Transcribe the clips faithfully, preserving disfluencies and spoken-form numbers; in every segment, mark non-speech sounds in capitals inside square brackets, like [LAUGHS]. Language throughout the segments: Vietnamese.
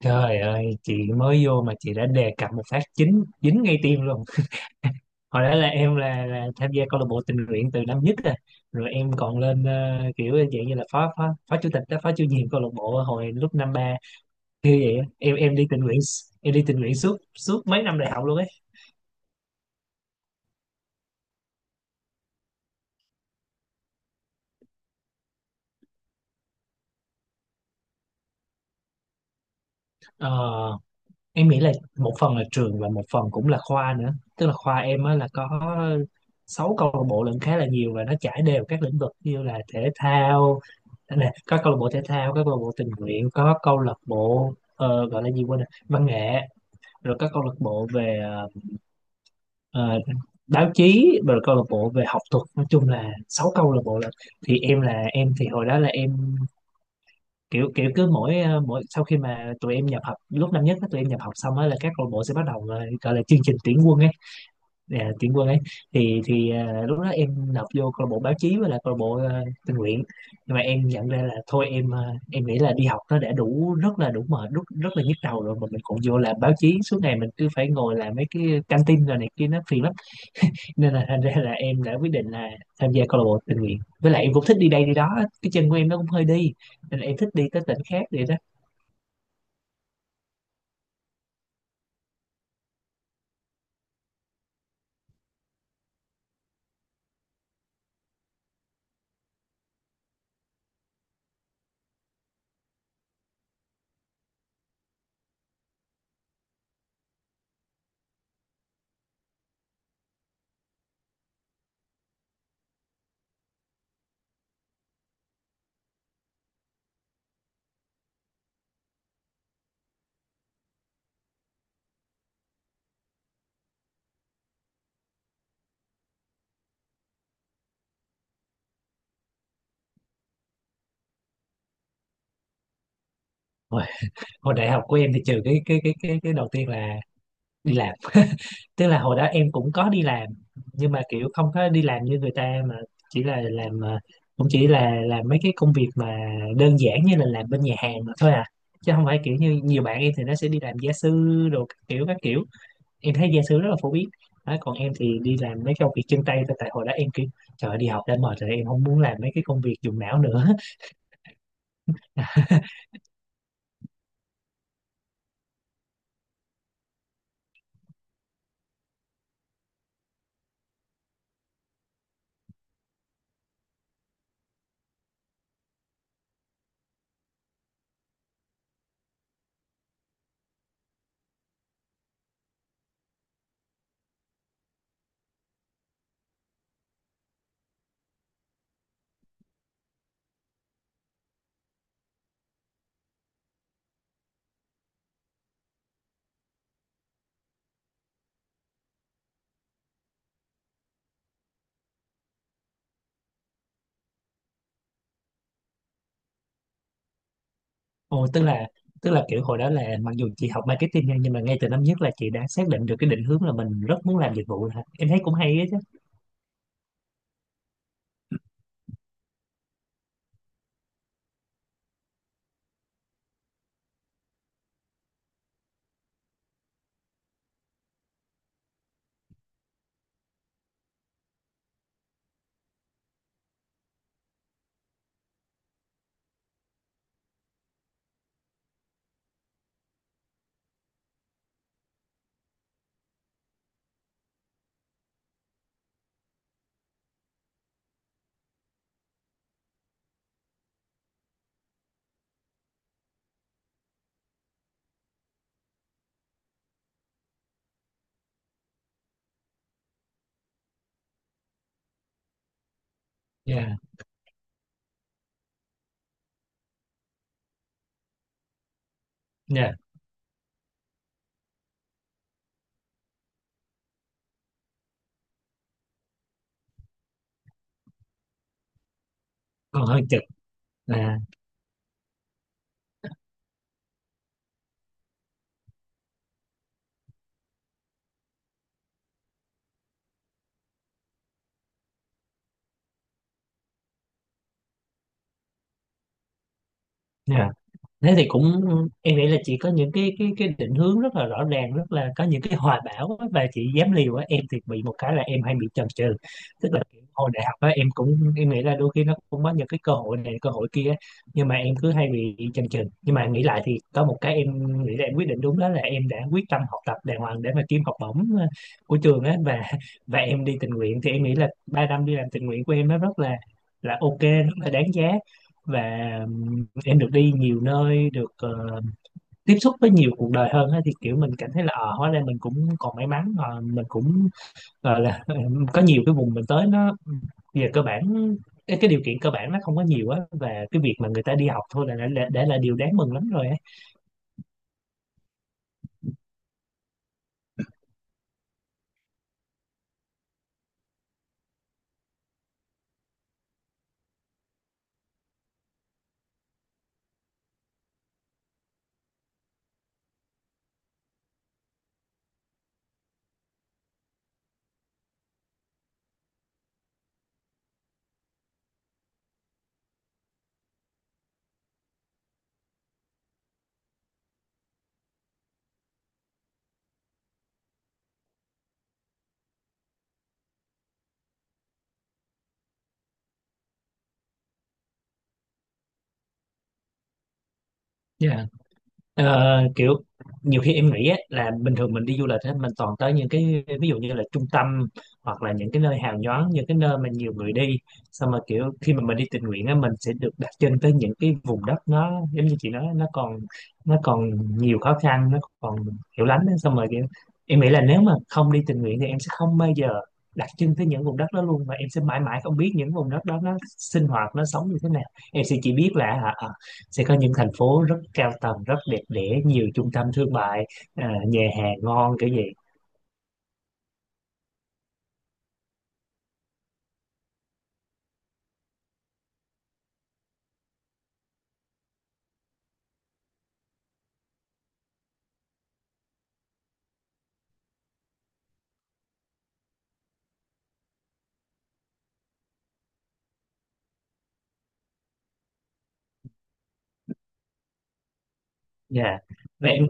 Trời ơi, chị mới vô mà chị đã đề cập một phát chính dính ngay tim luôn. [LAUGHS] Hồi đó là em là, là tham gia câu lạc bộ tình nguyện từ năm nhất rồi. Rồi em còn lên ờ, kiểu dạng như là phó phó phó chủ tịch đó, phó chủ nhiệm câu lạc bộ hồi lúc năm ba. Như vậy á, em em đi tình nguyện s- em đi tình nguyện suốt suốt mấy năm đại học luôn ấy. Ờ, em nghĩ là một phần là trường và một phần cũng là khoa nữa. Tức là khoa em á là có sáu câu lạc bộ lận, khá là nhiều, và nó trải đều các lĩnh vực như là thể thao. Đây nè, có câu lạc bộ thể thao, có câu lạc bộ tình nguyện, có câu lạc bộ ờ, gọi là gì quên rồi, văn nghệ, rồi có câu lạc bộ về ờ, báo chí, rồi câu lạc bộ về học thuật. Nói chung là sáu câu lạc bộ. Là thì em là em thì hồi đó là em kiểu kiểu cứ mỗi ờ, mỗi sau khi mà tụi em nhập học lúc năm nhất á, tụi em nhập học xong á là các câu lạc bộ sẽ bắt đầu ờ, gọi là chương trình tuyển quân ấy, à, tuyển quân ấy. Thì thì à, lúc đó em nộp vô câu lạc bộ báo chí với lại câu lạc bộ à, tình nguyện. Nhưng mà em nhận ra là thôi, em à, em nghĩ là đi học nó đã đủ, rất là đủ mệt, rất rất là nhức đầu rồi, mà mình còn vô làm báo chí suốt ngày mình cứ phải ngồi làm mấy cái căng tin rồi này kia, nó phiền lắm. Nên là thành ra là em đã quyết định là tham gia câu lạc bộ tình nguyện, với lại em cũng thích đi đây đi đó, cái chân của em nó cũng hơi đi, nên là em thích đi tới tỉnh khác vậy đó. Hồi, hồi đại học của em thì trừ cái cái cái cái cái đầu tiên là đi làm. Tức là hồi đó em cũng có đi làm, nhưng mà kiểu không có đi làm như người ta, mà chỉ là làm ờ, cũng chỉ là làm mấy cái công việc mà đơn giản như là làm bên nhà hàng mà thôi à, chứ không phải kiểu như nhiều bạn em thì nó sẽ đi làm gia sư đồ các kiểu các kiểu. Em thấy gia sư rất là phổ biến đó, còn em thì đi làm mấy công việc chân tay thôi, tại hồi đó em kiểu trời ơi, đi học đã mệt rồi, em không muốn làm mấy cái công việc dùng não nữa. [LAUGHS] Ồ, tức là tức là kiểu hồi đó là mặc dù chị học marketing nha, nhưng mà ngay từ năm nhất là chị đã xác định được cái định hướng là mình rất muốn làm dịch vụ hả? Em thấy cũng hay á chứ. Dạ. Yeah, còn hơi cực, à, nhưng thế thì cũng, em nghĩ là chị có những cái cái cái định hướng rất là rõ ràng, rất là có những cái hoài bão á, và chị dám liều á. Em thì bị một cái là em hay bị chần chừ. Tức là kiểu hồi đại học á, em cũng em nghĩ là đôi khi nó cũng có những cái cơ hội này cơ hội kia á, nhưng mà em cứ hay bị chần chừ. Nhưng mà nghĩ lại thì có một cái em nghĩ là em quyết định đúng, đó là em đã quyết tâm học tập đàng hoàng để mà kiếm học bổng ờ, của trường á, và [LAUGHS] và em đi tình nguyện. Thì em nghĩ là ba năm đi làm tình nguyện của em nó rất là là ok, rất là đáng giá. Và em được đi nhiều nơi, được ờ, tiếp xúc với nhiều cuộc đời hơn á, thì kiểu mình cảm thấy là ờ hóa ra mình cũng còn may mắn, ờ, mình cũng gọi là [LAUGHS] có nhiều cái vùng mình tới nó về cơ bản cái, cái điều kiện cơ bản nó không có nhiều á, và cái việc mà người ta đi học thôi là đã, đã, đã là điều đáng mừng lắm rồi á. Ờ, kiểu nhiều khi em nghĩ á, là bình thường mình đi du lịch á, mình toàn tới những cái ví dụ như là trung tâm, hoặc là những cái nơi hào nhoáng, những cái nơi mà nhiều người đi. Xong mà kiểu khi mà mình đi tình nguyện á, mình sẽ được đặt chân tới những cái vùng đất nó giống như chị nói, nó còn, nó còn nhiều khó khăn, nó còn hiểu lắm á. Xong rồi kiểu em nghĩ là nếu mà không đi tình nguyện thì em sẽ không bao giờ đặt chân tới những vùng đất đó luôn, và em sẽ mãi mãi không biết những vùng đất đó nó sinh hoạt, nó sống như thế nào. Em sẽ chỉ biết là hả, sẽ có những thành phố rất cao tầng, rất đẹp đẽ, nhiều trung tâm thương mại, à, nhà hàng ngon kiểu vậy. Dạ. Và em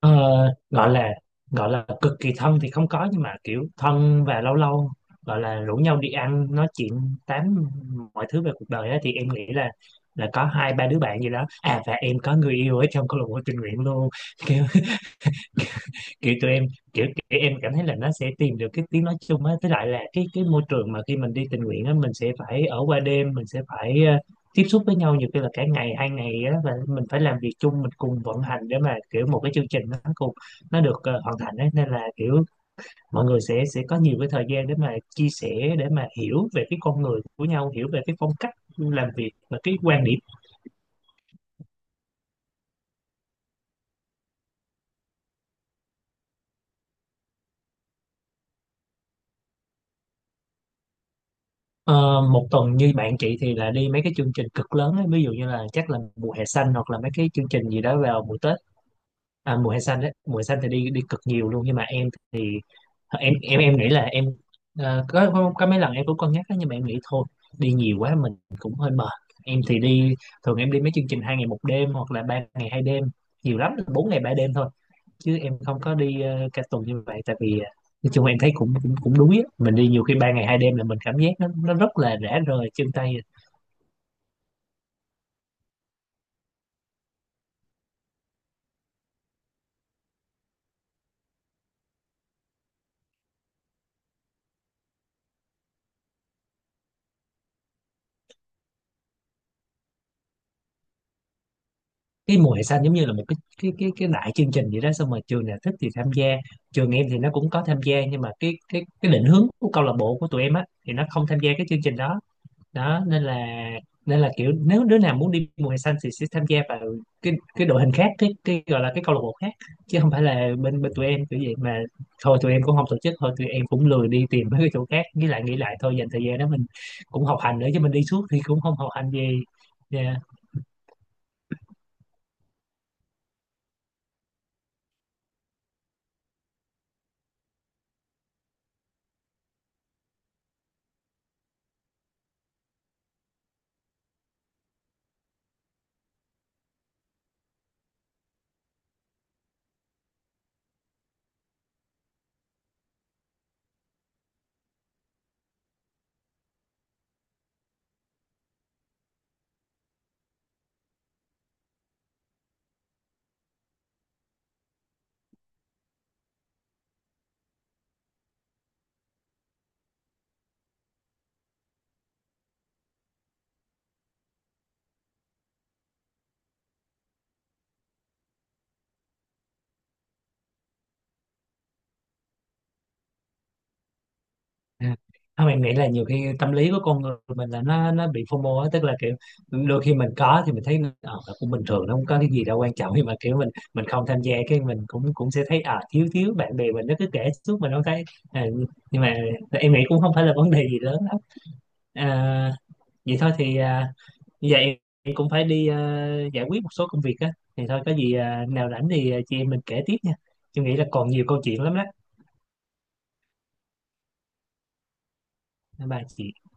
ờ, gọi là, gọi là cực kỳ thân thì không có, nhưng mà kiểu thân, và lâu lâu gọi là rủ nhau đi ăn nói chuyện tám mọi thứ về cuộc đời á, thì em nghĩ là là có hai ba đứa bạn gì đó, à và em có người yêu ở trong câu lạc bộ tình nguyện luôn. [LAUGHS] Kiểu tụi em, kiểu, kiểu em cảm thấy là nó sẽ tìm được cái tiếng nói chung á, với lại là cái cái môi trường mà khi mình đi tình nguyện á, mình sẽ phải ở qua đêm, mình sẽ phải ờ, tiếp xúc với nhau nhiều khi là cả ngày hai ngày á, và mình phải làm việc chung, mình cùng vận hành để mà kiểu một cái chương trình nó cùng nó được ờ, hoàn thành ấy. Nên là kiểu mọi người sẽ sẽ có nhiều cái thời gian để mà chia sẻ, để mà hiểu về cái con người của nhau, hiểu về cái phong cách làm việc và cái quan điểm. Ờ, một tuần như bạn chị thì là đi mấy cái chương trình cực lớn ấy, ví dụ như là chắc là mùa hè xanh, hoặc là mấy cái chương trình gì đó vào mùa Tết. À, mùa hè xanh đấy, mùa hè xanh thì đi đi cực nhiều luôn. Nhưng mà em thì em em em nghĩ là em ờ, có, có có mấy lần em cũng cân nhắc đó, nhưng mà em nghĩ thôi đi nhiều quá mình cũng hơi mệt. Em thì đi, thường em đi mấy chương trình hai ngày một đêm hoặc là ba ngày hai đêm, nhiều lắm là bốn ngày ba đêm thôi. Chứ em không có đi ờ, cả tuần như vậy, tại vì ờ, nói chung em thấy cũng cũng cũng đuối á. Mình đi nhiều khi ba ngày hai đêm là mình cảm giác nó nó rất là rã rời chân tay. ờ, cái mùa hè xanh giống như là một cái cái cái cái đại chương trình vậy đó, xong rồi trường nào thích thì tham gia. Trường em thì nó cũng có tham gia, nhưng mà cái cái cái định hướng của câu lạc bộ của tụi em á thì nó không tham gia cái chương trình đó. Đó nên là, nên là kiểu nếu đứa nào muốn đi mùa hè xanh thì sẽ tham gia vào cái cái đội hình khác, cái cái gọi là cái câu lạc bộ khác, chứ không phải là bên bên tụi em kiểu vậy mà. Thôi tụi em cũng không tổ chức, thôi tụi em cũng lười đi tìm mấy cái chỗ khác. Nghĩ lại nghĩ lại thôi, dành thời gian đó mình cũng học hành nữa chứ, mình đi suốt thì cũng không học hành gì. Dạ. À, Không, em nghĩ là nhiều khi tâm lý của con người mình là nó nó bị phô mô á, tức là kiểu đôi khi mình có thì mình thấy ờ, nó cũng bình thường, nó không có cái gì đâu quan trọng, nhưng mà kiểu mình mình không tham gia cái, mình cũng cũng sẽ thấy à thiếu thiếu, bạn bè mình nó cứ kể suốt mình không thấy. à, nhưng mà em nghĩ cũng không phải là vấn đề gì lớn lắm. à, Vậy thôi thì à, bây giờ em cũng phải đi à, giải quyết một số công việc á, thì thôi có gì à, nào rảnh thì à, chị em mình kể tiếp nha. Em nghĩ là còn nhiều câu chuyện lắm đó. Bye bye chị.